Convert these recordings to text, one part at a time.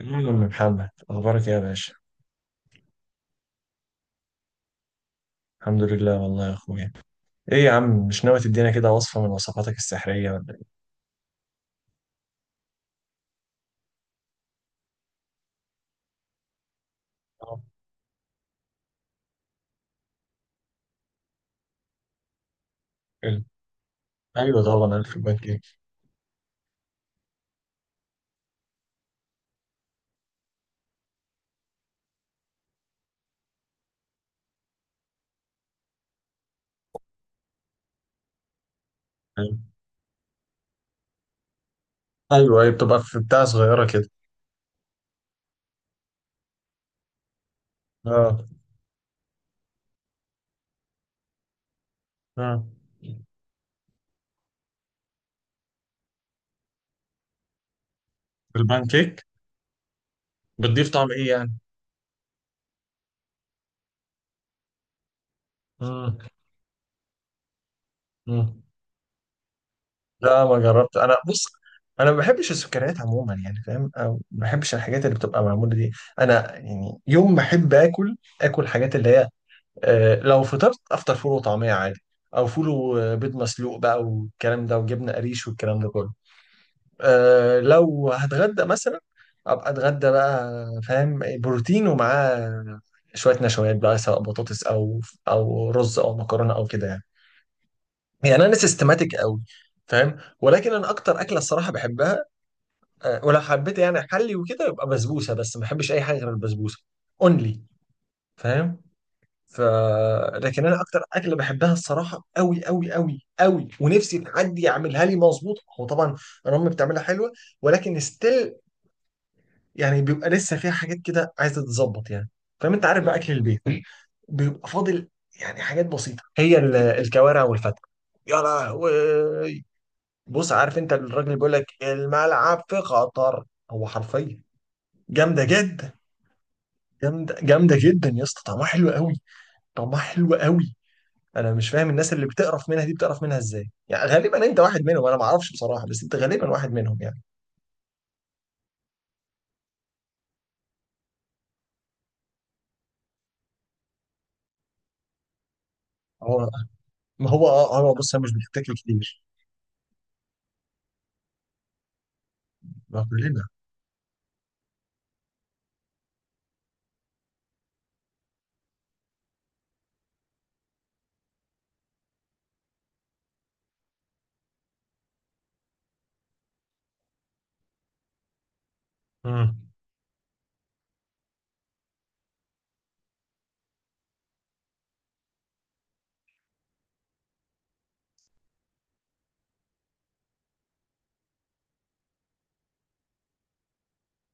محمد، أخبارك إيه يا باشا؟ الحمد لله والله يا أخويا. إيه يا عم، مش ناوي تدينا كده وصفة من وصفاتك السحرية ولا إيه؟ آه. حلو. أيوه طبعا ألف البان كيك. أيوه أيوه أيوة، بتبقى في بتاع صغيرة كده. آه. آه، في البان كيك. بتضيف طعم إيه يعني؟ مم. مم. لا ما جربت. أنا بص، أنا ما بحبش السكريات عموما يعني، فاهم؟ أو ما بحبش الحاجات اللي بتبقى معمولة دي. أنا يعني يوم ما أحب آكل، آكل حاجات اللي هي، لو فطرت افطر فول وطعميه عادي، او فول وبيض مسلوق بقى والكلام ده وجبنه قريش والكلام ده كله. أه لو هتغدى مثلا ابقى اتغدى بقى. فاهم؟ بروتين ومعاه شويه نشويات بقى، سواء بطاطس او رز او مكرونه او كده يعني. يعني انا سيستماتيك قوي، فاهم؟ ولكن انا اكتر اكله الصراحه بحبها. أه ولو حبيت يعني احلي وكده يبقى بسبوسه، بس ما بحبش اي حاجه غير البسبوسه. اونلي. فاهم؟ ف لكن انا اكتر اكله بحبها الصراحه قوي قوي قوي قوي، ونفسي حد يعملها لي مظبوط. هو طبعا انا امي بتعملها حلوه، ولكن ستيل يعني بيبقى لسه فيها حاجات كده عايزه تتظبط يعني. فاهم؟ انت عارف بقى اكل البيت بيبقى فاضل. يعني حاجات بسيطه هي الكوارع والفتة. يا لهوي. بص، عارف انت الراجل بيقول لك الملعب في خطر؟ هو حرفيا جامده جدا. جامده جامده جدا يا اسطى، طعمها حلو قوي. طعمها حلو قوي. انا مش فاهم الناس اللي بتقرف منها دي بتقرف منها ازاي يعني. غالبا انت واحد منهم، انا ما اعرفش بصراحه بس انت غالبا واحد منهم يعني. هو ما هو بص انا مش بتتاكل كتير. ما كلنا. امم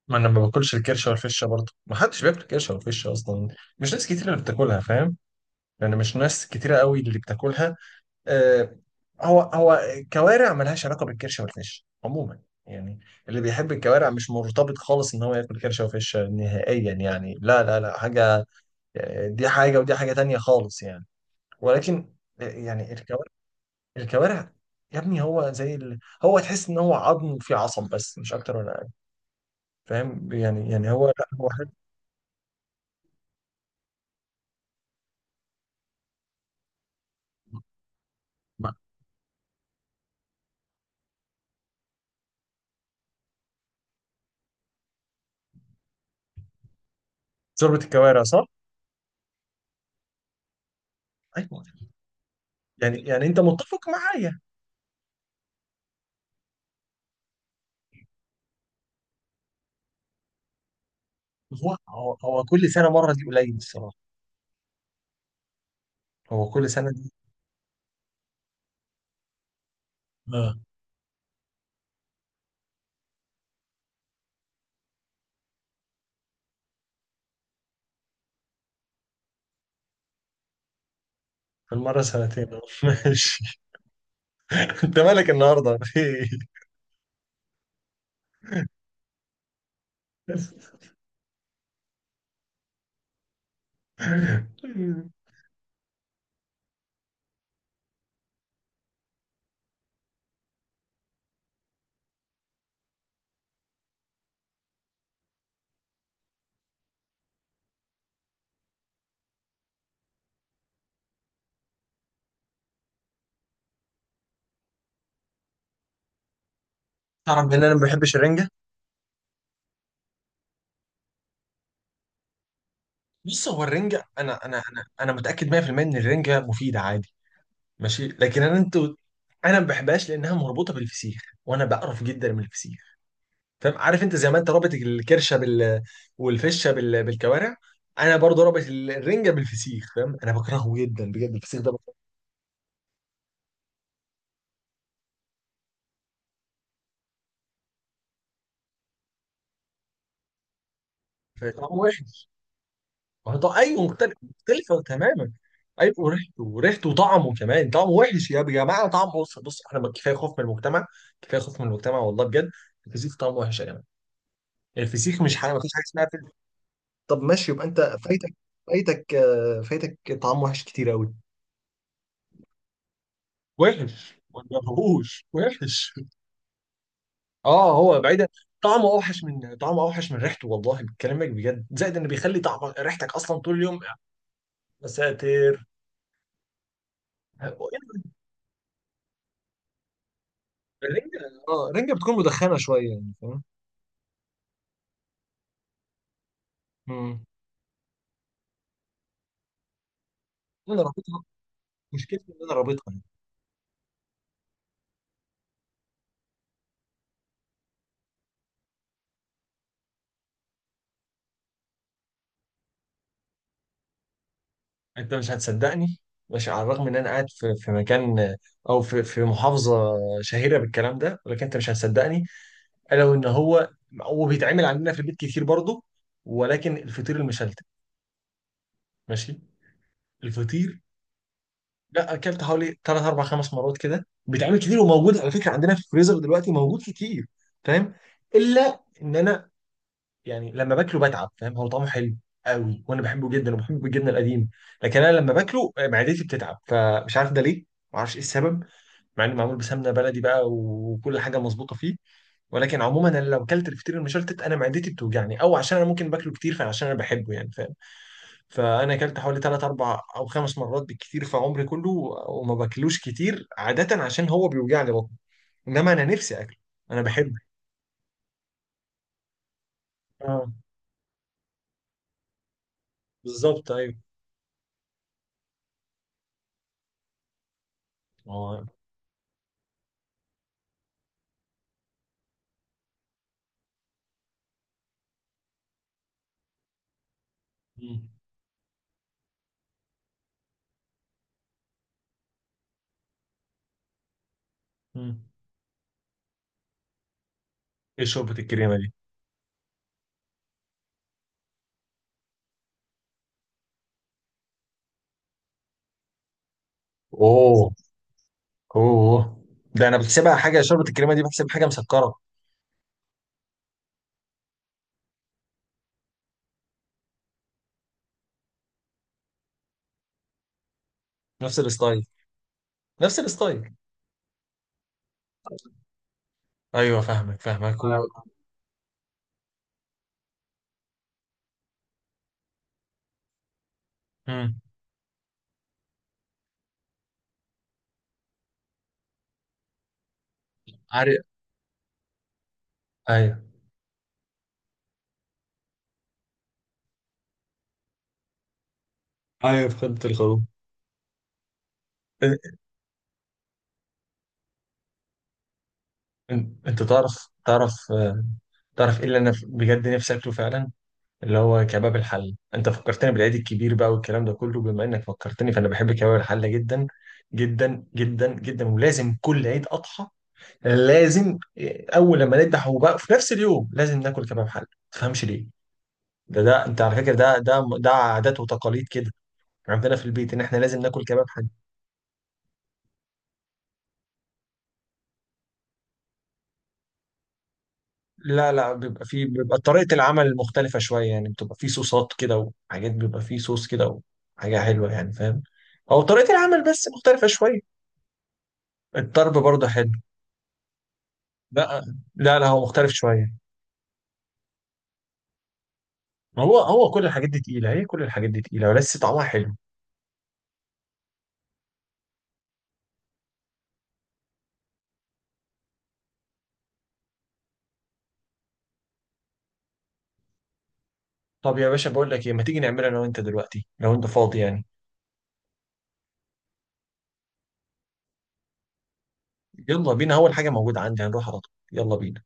ما انا ما باكلش الكرشه والفشه برضه، ما حدش بياكل كرشه والفشه اصلا. مش ناس كتير اللي بتاكلها، فاهم؟ يعني مش ناس كتيره قوي اللي بتاكلها. آه. هو كوارع ملهاش علاقه بالكرشه والفشه عموما يعني. اللي بيحب الكوارع مش مرتبط خالص ان هو ياكل كرشه وفشه نهائيا يعني، لا لا لا حاجه. دي حاجة ودي حاجة تانية خالص يعني. ولكن، يعني الكوارع، يا ابني، هو تحس ان هو عظم فيه عصب بس مش اكتر ولا اقل. فاهم؟ يعني هو لا، هو حد. شوربة الكوارع صح؟ ايوه. يعني انت متفق معايا. هو كل سنة مرة دي قليل الصراحة. هو كل سنة دي. اه. في المرة سنتين. آه. ماشي. انت مالك النهارده في إيه؟ تعرف ان انا ما بحبش الرنجة. بص، هو الرنجة أنا متأكد 100% إن الرنجة مفيدة عادي. ماشي لكن أنا، أنتوا، أنا ما بحبهاش لأنها مربوطة بالفسيخ، وأنا بقرف جدا من الفسيخ. فاهم؟ عارف أنت زي ما أنت رابط الكرشة بال، والفشة بالكوارع، أنا برضه رابط الرنجة بالفسيخ. فاهم؟ أنا بكرهه جدا، بجد الفسيخ ده بكرهه. طعمه وحش. ما هو أيوه مختلف، مختلفة تماما. أيوه وريحته وطعمه، كمان طعمه وحش يا جماعة. طعمه بص بص، إحنا كفاية خوف من المجتمع. كفاية خوف من المجتمع والله بجد. الفسيخ طعمه وحش يا جماعة. الفسيخ مش حاجه، مفيش حاجه اسمها فسيخ. طب ماشي يبقى انت فايتك. فايتك طعام وحش كتير قوي. وحش، ما تجربوش، وحش. اه هو بعيدا، طعمه اوحش من ريحته والله بكلامك بجد، زائد انه بيخلي طعم ريحتك اصلا طول اليوم. يا ساتر. الرنجه. اه الرنجه بتكون مدخنه شويه يعني، فاهم؟ مم. انا رابطها. مشكلتي ان انا رابطها. انت مش هتصدقني. ماشي، على الرغم ان انا قاعد في مكان، او في محافظه شهيره بالكلام ده، ولكن انت مش هتصدقني. الا وان هو بيتعمل عندنا في البيت كتير برضه. ولكن الفطير المشلتت، ماشي. الفطير، لا اكلت حوالي 3 4 5 مرات كده، بيتعمل كتير وموجود على فكره عندنا في الفريزر دلوقتي، موجود كتير. فاهم؟ الا ان انا يعني لما باكله بتعب، فاهم؟ هو طعمه حلو قوي وانا بحبه جدا وبحبه الجبنه القديم. لكن انا لما باكله معدتي بتتعب، فمش عارف ده ليه. ما اعرفش ايه السبب، مع انه معمول بسمنه بلدي بقى وكل حاجه مظبوطه فيه. ولكن عموما انا لو اكلت الفطير المشلتت انا معدتي بتوجعني، او عشان انا ممكن باكله كتير فعشان انا بحبه يعني، فاهم؟ فانا اكلت حوالي 3 4 او 5 مرات بالكتير في عمري كله، وما باكلوش كتير عاده عشان هو بيوجعني بطني. انما انا نفسي اكله، انا بحبه. اه بالظبط ايوه. اه. مم. مم. ايه شوربة الكريمة دي؟ اوه. اوه. ده انا بحسبها حاجة، شوربة الكريمة دي بحسب حاجة مسكرة. نفس الستايل. نفس الستايل. ايوه فاهمك فاهمك أيوة. مم. عارف. ايوه أيوة فهمت الخروف. إن- انت تعرف ايه اللي انا بجد نفسي اكله فعلا؟ اللي هو كباب الحل. انت فكرتني بالعيد الكبير بقى والكلام ده كله، بما انك فكرتني فانا بحب كباب الحله جدا جدا جدا جدا، ولازم كل عيد اضحى لازم. اول لما نذبح وبقى في نفس اليوم لازم ناكل كباب حل، ما تفهمش ليه. ده انت على فكره ده عادات وتقاليد كده عندنا في البيت، ان احنا لازم ناكل كباب حل. لا لا، بيبقى طريقه العمل مختلفه شويه يعني، بتبقى في صوصات كده وحاجات، بيبقى في صوص كده وحاجه حلوه يعني، فاهم؟ او طريقه العمل بس مختلفه شويه. الطرب برضه حلو. لا. لا لا هو مختلف شويه. هو كل الحاجات دي تقيله، هي كل الحاجات دي تقيله، ولسه طعمها حلو. طب يا باشا بقول لك ايه، ما تيجي نعملها انا وانت دلوقتي لو انت فاضي يعني؟ يلا بينا، اول حاجه موجوده عندي هنروح على طول، يلا بينا.